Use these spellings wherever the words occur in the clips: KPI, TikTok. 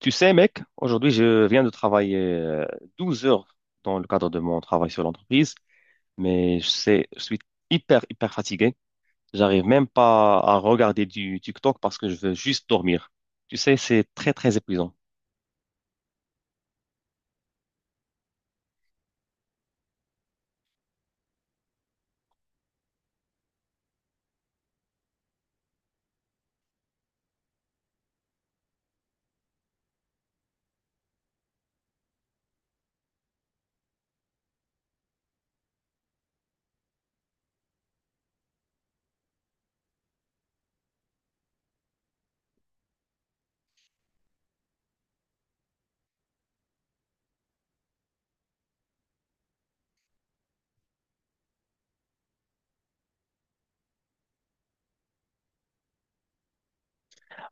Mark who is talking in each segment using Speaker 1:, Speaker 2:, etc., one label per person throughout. Speaker 1: Tu sais, mec, aujourd'hui, je viens de travailler 12 heures dans le cadre de mon travail sur l'entreprise, mais je sais, je suis hyper, hyper fatigué. J'arrive même pas à regarder du TikTok parce que je veux juste dormir. Tu sais, c'est très, très épuisant.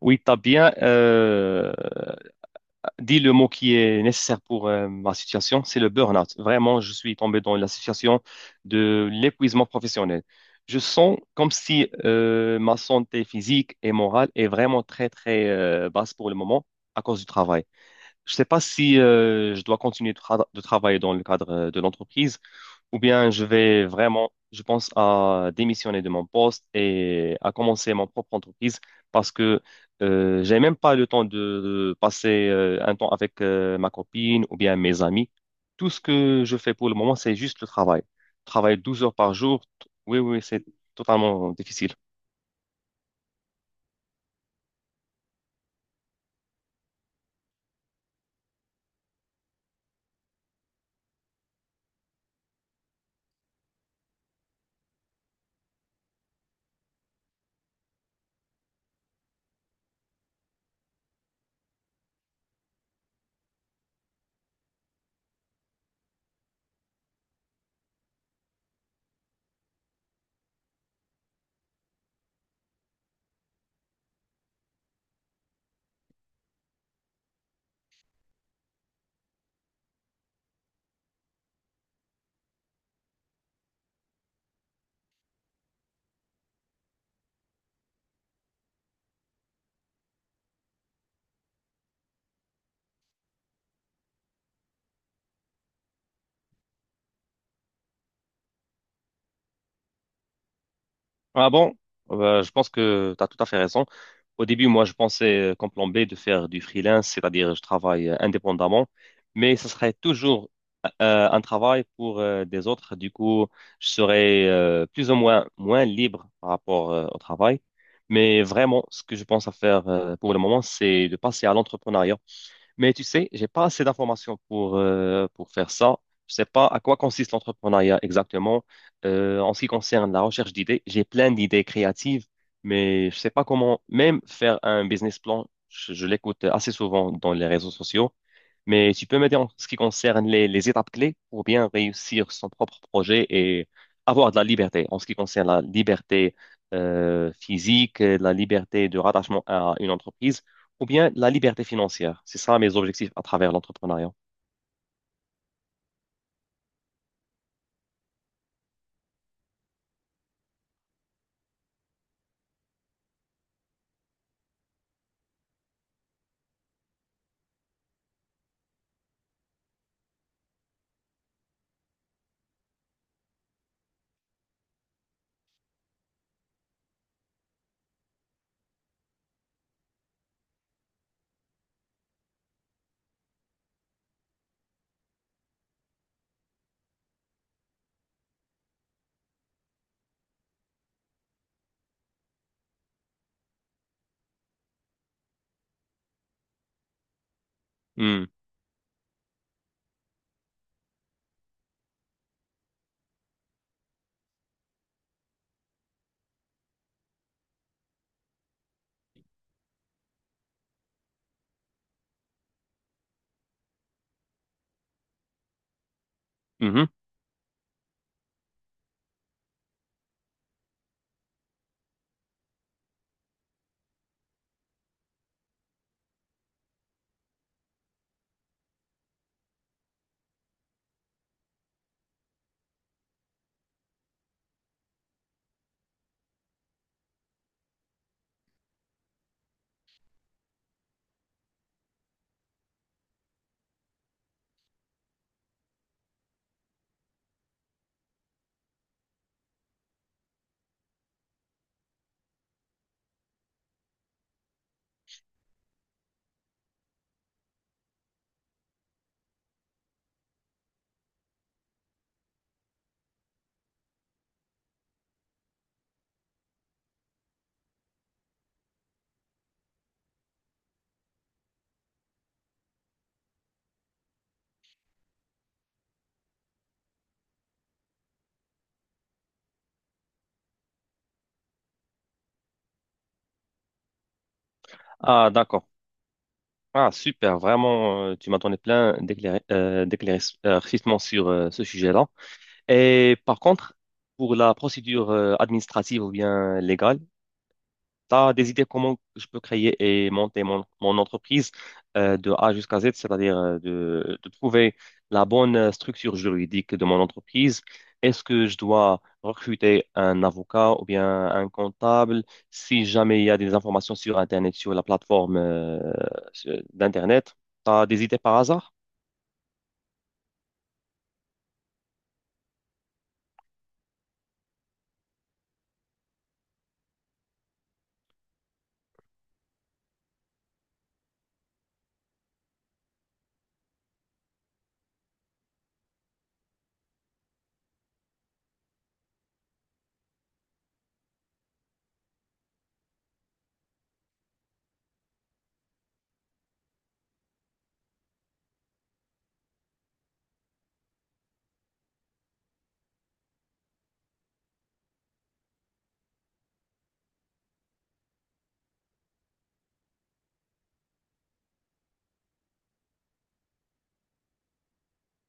Speaker 1: Oui, t'as bien, dis le mot qui est nécessaire pour ma situation, c'est le burn-out. Vraiment, je suis tombé dans la situation de l'épuisement professionnel. Je sens comme si ma santé physique et morale est vraiment très, très basse pour le moment à cause du travail. Je ne sais pas si je dois continuer de travailler dans le cadre de l'entreprise ou bien je vais vraiment, je pense à démissionner de mon poste et à commencer mon propre entreprise parce que j'ai même pas le temps de passer un temps avec ma copine ou bien mes amis. Tout ce que je fais pour le moment, c'est juste le travail. Travailler 12 heures par jour, oui, oui, oui, c'est totalement difficile. Ah bon. Je pense que tu as tout à fait raison. Au début, moi, je pensais comme plan B de faire du freelance, c'est-à-dire je travaille indépendamment, mais ça serait toujours un travail pour des autres. Du coup, je serai plus ou moins moins libre par rapport au travail. Mais vraiment, ce que je pense à faire pour le moment, c'est de passer à l'entrepreneuriat. Mais tu sais, j'ai pas assez d'informations pour faire ça. Je sais pas à quoi consiste l'entrepreneuriat exactement. En ce qui concerne la recherche d'idées, j'ai plein d'idées créatives, mais je sais pas comment même faire un business plan. Je l'écoute assez souvent dans les réseaux sociaux, mais tu peux m'aider en ce qui concerne les étapes clés pour bien réussir son propre projet et avoir de la liberté, en ce qui concerne la liberté physique, la liberté de rattachement à une entreprise ou bien la liberté financière. C'est ça mes objectifs à travers l'entrepreneuriat. Hmm. Mhm. Ah, d'accord. Ah, super. Vraiment, tu m'as donné plein d'éclaircissements sur ce sujet-là. Et par contre, pour la procédure administrative ou bien légale, t'as des idées comment je peux créer et monter mon entreprise de A jusqu'à Z, c'est-à-dire de trouver la bonne structure juridique de mon entreprise. Est-ce que je dois recruter un avocat ou bien un comptable? Si jamais il y a des informations sur Internet, sur la plateforme d'Internet, t'as des idées par hasard?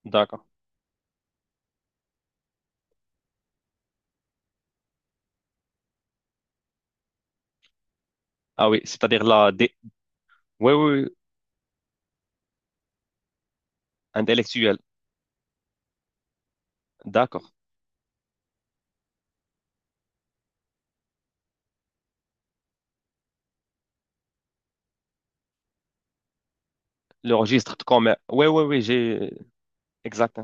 Speaker 1: D'accord. Ah oui. Oui, oui, oui, intellectuel. D'accord. Le registre de commerce. Oui, oui, oui, j'ai. Exact.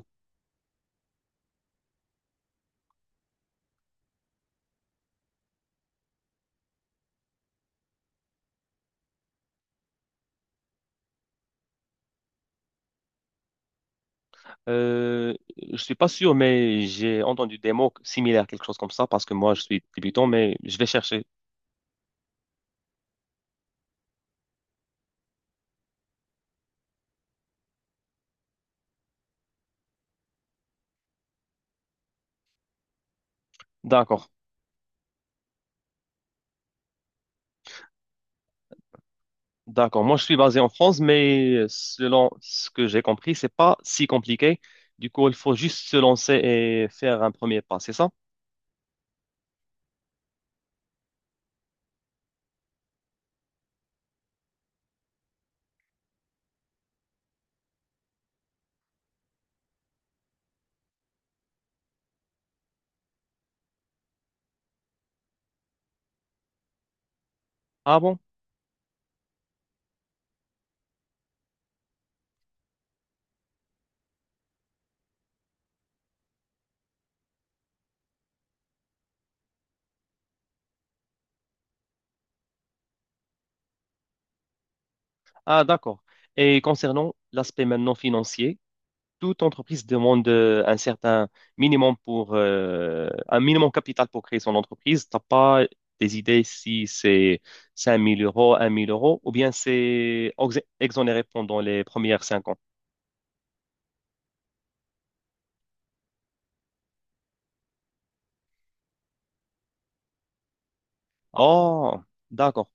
Speaker 1: Euh, je suis pas sûr, mais j'ai entendu des mots similaires, quelque chose comme ça, parce que moi, je suis débutant, mais je vais chercher. D'accord, d'accord. Moi, je suis basé en France, mais selon ce que j'ai compris, c'est pas si compliqué. Du coup, il faut juste se lancer et faire un premier pas, c'est ça? Ah bon? Ah, d'accord. Et concernant l'aspect maintenant financier, toute entreprise demande un certain minimum pour un minimum capital pour créer son entreprise. T'as pas des idées si c'est cinq mille euros, un mille euros, ou bien c'est exonéré pendant les premières 5 ans. Oh, d'accord.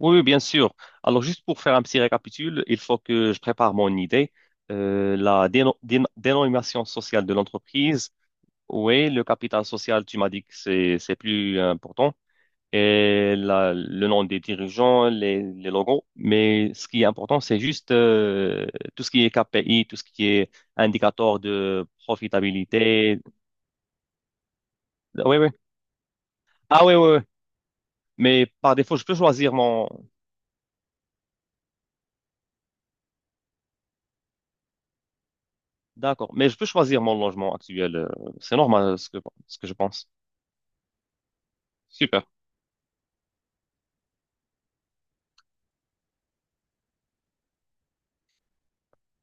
Speaker 1: Oui, oui, bien sûr. Alors, juste pour faire un petit récapitule, il faut que je prépare mon idée. La dénomination sociale de l'entreprise. Oui, le capital social, tu m'as dit que c'est plus important. Et le nom des dirigeants, les logos. Mais ce qui est important, c'est juste tout ce qui est KPI, tout ce qui est indicateur de profitabilité. Oui, oui. Ah oui, oui, oui. Mais par défaut, je peux choisir mon. D'accord. Mais je peux choisir mon logement actuel. C'est normal ce que, je pense. Super.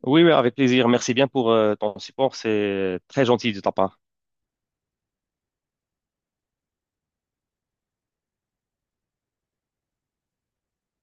Speaker 1: Oui, oui, avec plaisir. Merci bien pour ton support. C'est très gentil de ta part.